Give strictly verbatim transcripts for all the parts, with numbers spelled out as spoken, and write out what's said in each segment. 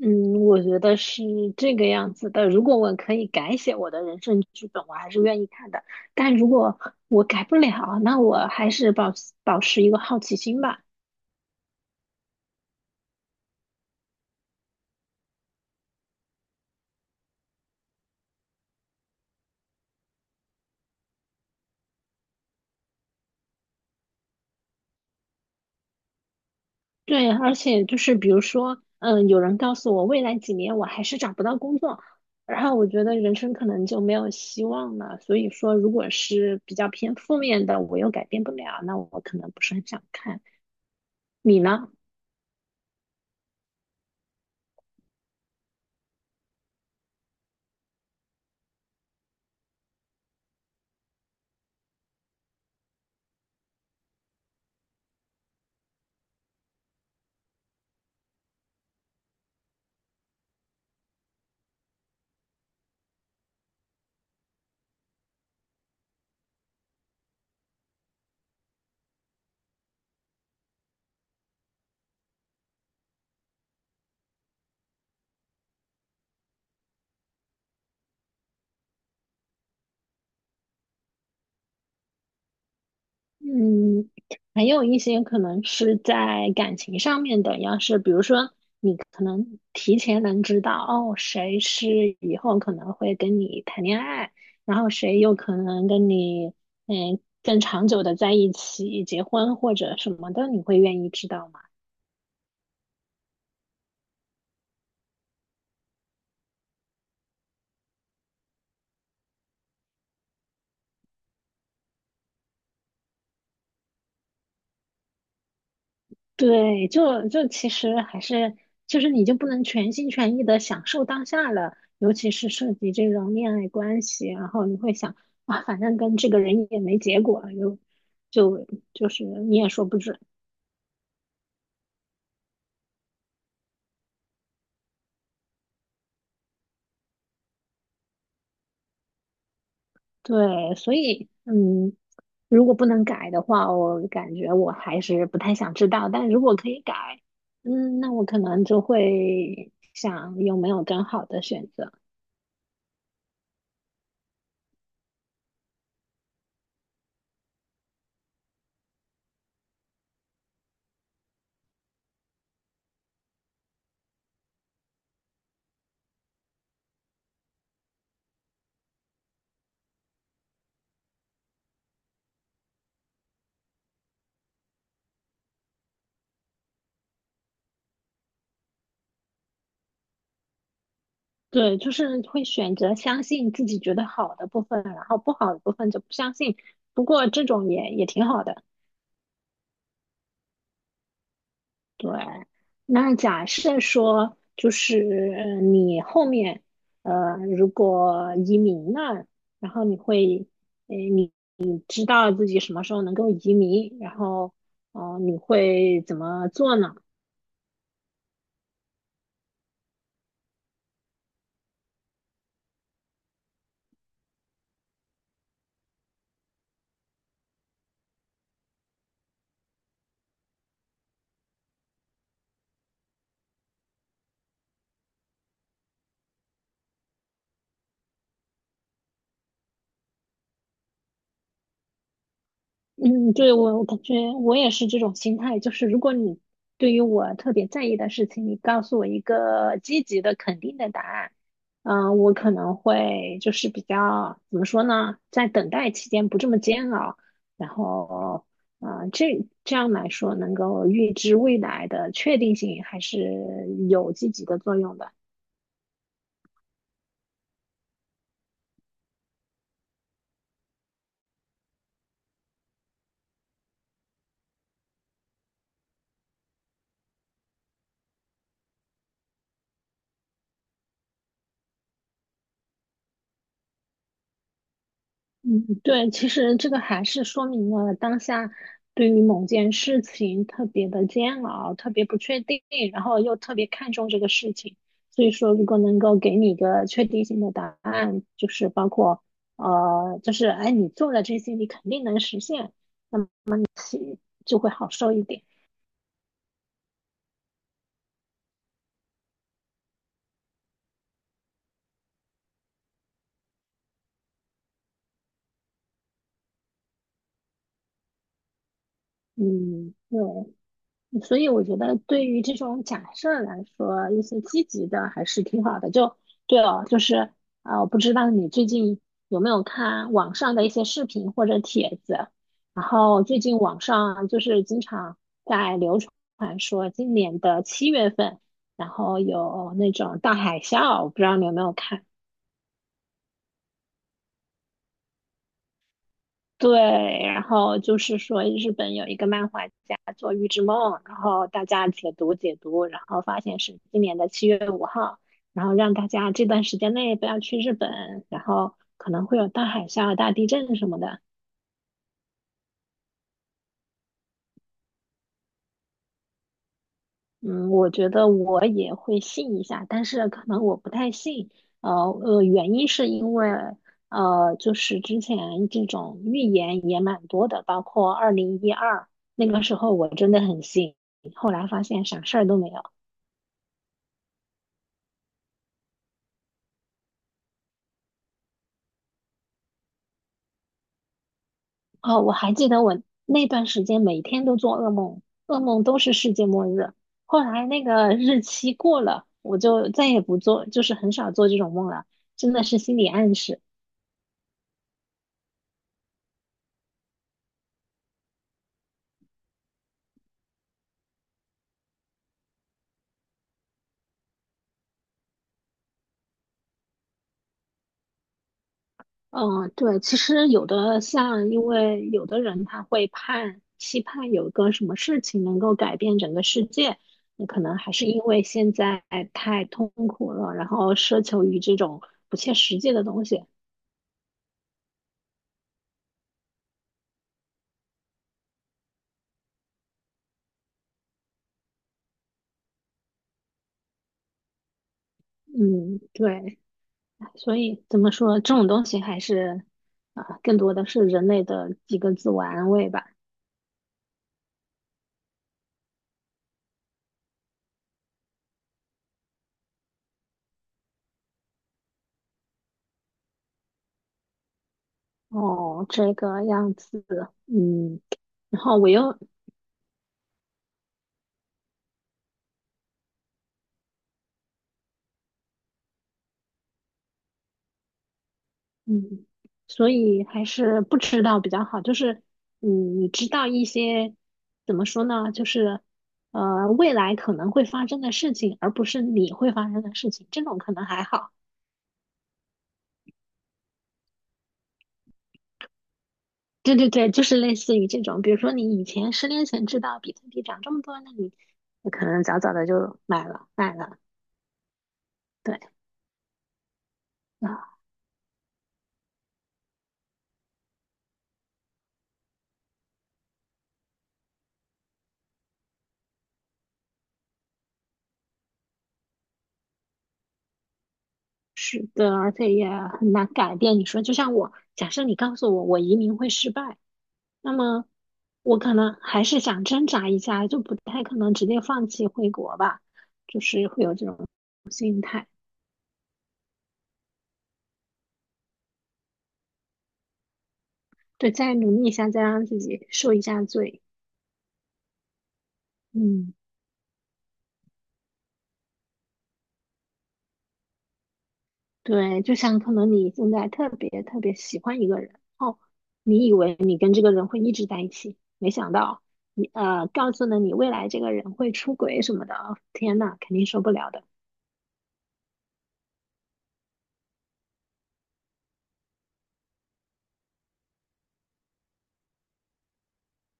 嗯，我觉得是这个样子的。如果我可以改写我的人生剧本，我还是愿意看的。但如果我改不了，那我还是保持保持一个好奇心吧。对，而且就是比如说，嗯，有人告诉我未来几年我还是找不到工作，然后我觉得人生可能就没有希望了。所以说，如果是比较偏负面的，我又改变不了，那我可能不是很想看。你呢？嗯，还有一些可能是在感情上面的，要是比如说你可能提前能知道哦，谁是以后可能会跟你谈恋爱，然后谁有可能跟你嗯更长久的在一起结婚或者什么的，你会愿意知道吗？对，就就其实还是就是你就不能全心全意的享受当下了，尤其是涉及这种恋爱关系，然后你会想啊，反正跟这个人也没结果，又就就是你也说不准。对，所以嗯，如果不能改的话，我感觉我还是不太想知道。但如果可以改，嗯，那我可能就会想有没有更好的选择。对，就是会选择相信自己觉得好的部分，然后不好的部分就不相信。不过这种也也挺好的。对，那假设说就是呃你后面呃如果移民了，然后你会呃你知道自己什么时候能够移民，然后哦、呃你会怎么做呢？嗯，对，我我感觉我也是这种心态，就是如果你对于我特别在意的事情，你告诉我一个积极的、肯定的答案，嗯、我可能会就是比较怎么说呢，在等待期间不这么煎熬，然后，啊，这这样来说，能够预知未来的确定性还是有积极的作用的。嗯，对，其实这个还是说明了当下对于某件事情特别的煎熬，特别不确定，然后又特别看重这个事情。所以说，如果能够给你一个确定性的答案，就是包括呃，就是哎，你做了这些，你肯定能实现，那么其就会好受一点。嗯，对，所以我觉得对于这种假设来说，一些积极的还是挺好的。就对哦，就是啊，我不知道你最近有没有看网上的一些视频或者帖子，然后最近网上就是经常在流传说今年的七月份，然后有那种大海啸，我不知道你有没有看。对，然后就是说日本有一个漫画家做《预知梦》，然后大家解读解读，然后发现是今年的七月五号，然后让大家这段时间内不要去日本，然后可能会有大海啸、大地震什么的。嗯，我觉得我也会信一下，但是可能我不太信。呃呃，原因是因为呃，就是之前这种预言也蛮多的，包括二零一二那个时候，我真的很信，后来发现啥事儿都没有。哦，我还记得我那段时间每天都做噩梦，噩梦都是世界末日。后来那个日期过了，我就再也不做，就是很少做这种梦了，真的是心理暗示。嗯，对，其实有的像，因为有的人他会盼期盼有一个什么事情能够改变整个世界，那可能还是因为现在太痛苦了，然后奢求于这种不切实际的东西。嗯，对，所以怎么说，这种东西还是啊，更多的是人类的几个自我安慰吧。哦，这个样子，嗯，然后我又嗯，所以还是不知道比较好。就是，嗯，你知道一些怎么说呢？就是，呃，未来可能会发生的事情，而不是你会发生的事情，这种可能还好。对对对，就是类似于这种，比如说你以前十年前知道比特币涨这么多，那你你可能早早的就买了买了。对啊，是的，而且也很难改变。你说，就像我，假设你告诉我我移民会失败。那么我可能还是想挣扎一下，就不太可能直接放弃回国吧，就是会有这种，对，再努力一下，再让自己受一下罪。嗯，对，就像可能你现在特别特别喜欢一个人，哦，你以为你跟这个人会一直在一起，没想到你呃告诉了你未来这个人会出轨什么的，哦天呐，肯定受不了的。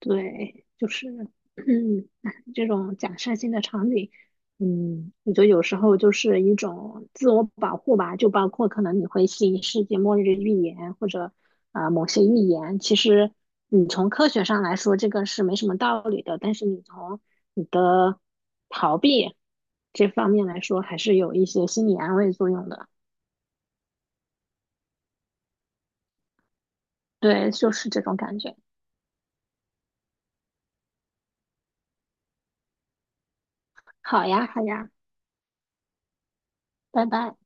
对，就是，嗯，哎这种假设性的场景，嗯，我觉得有时候就是一种自我保护吧，就包括可能你会信世界末日预言或者啊、呃某些预言，其实你从科学上来说这个是没什么道理的，但是你从你的逃避这方面来说，还是有一些心理安慰作用的。对，就是这种感觉。好呀，好呀，拜拜。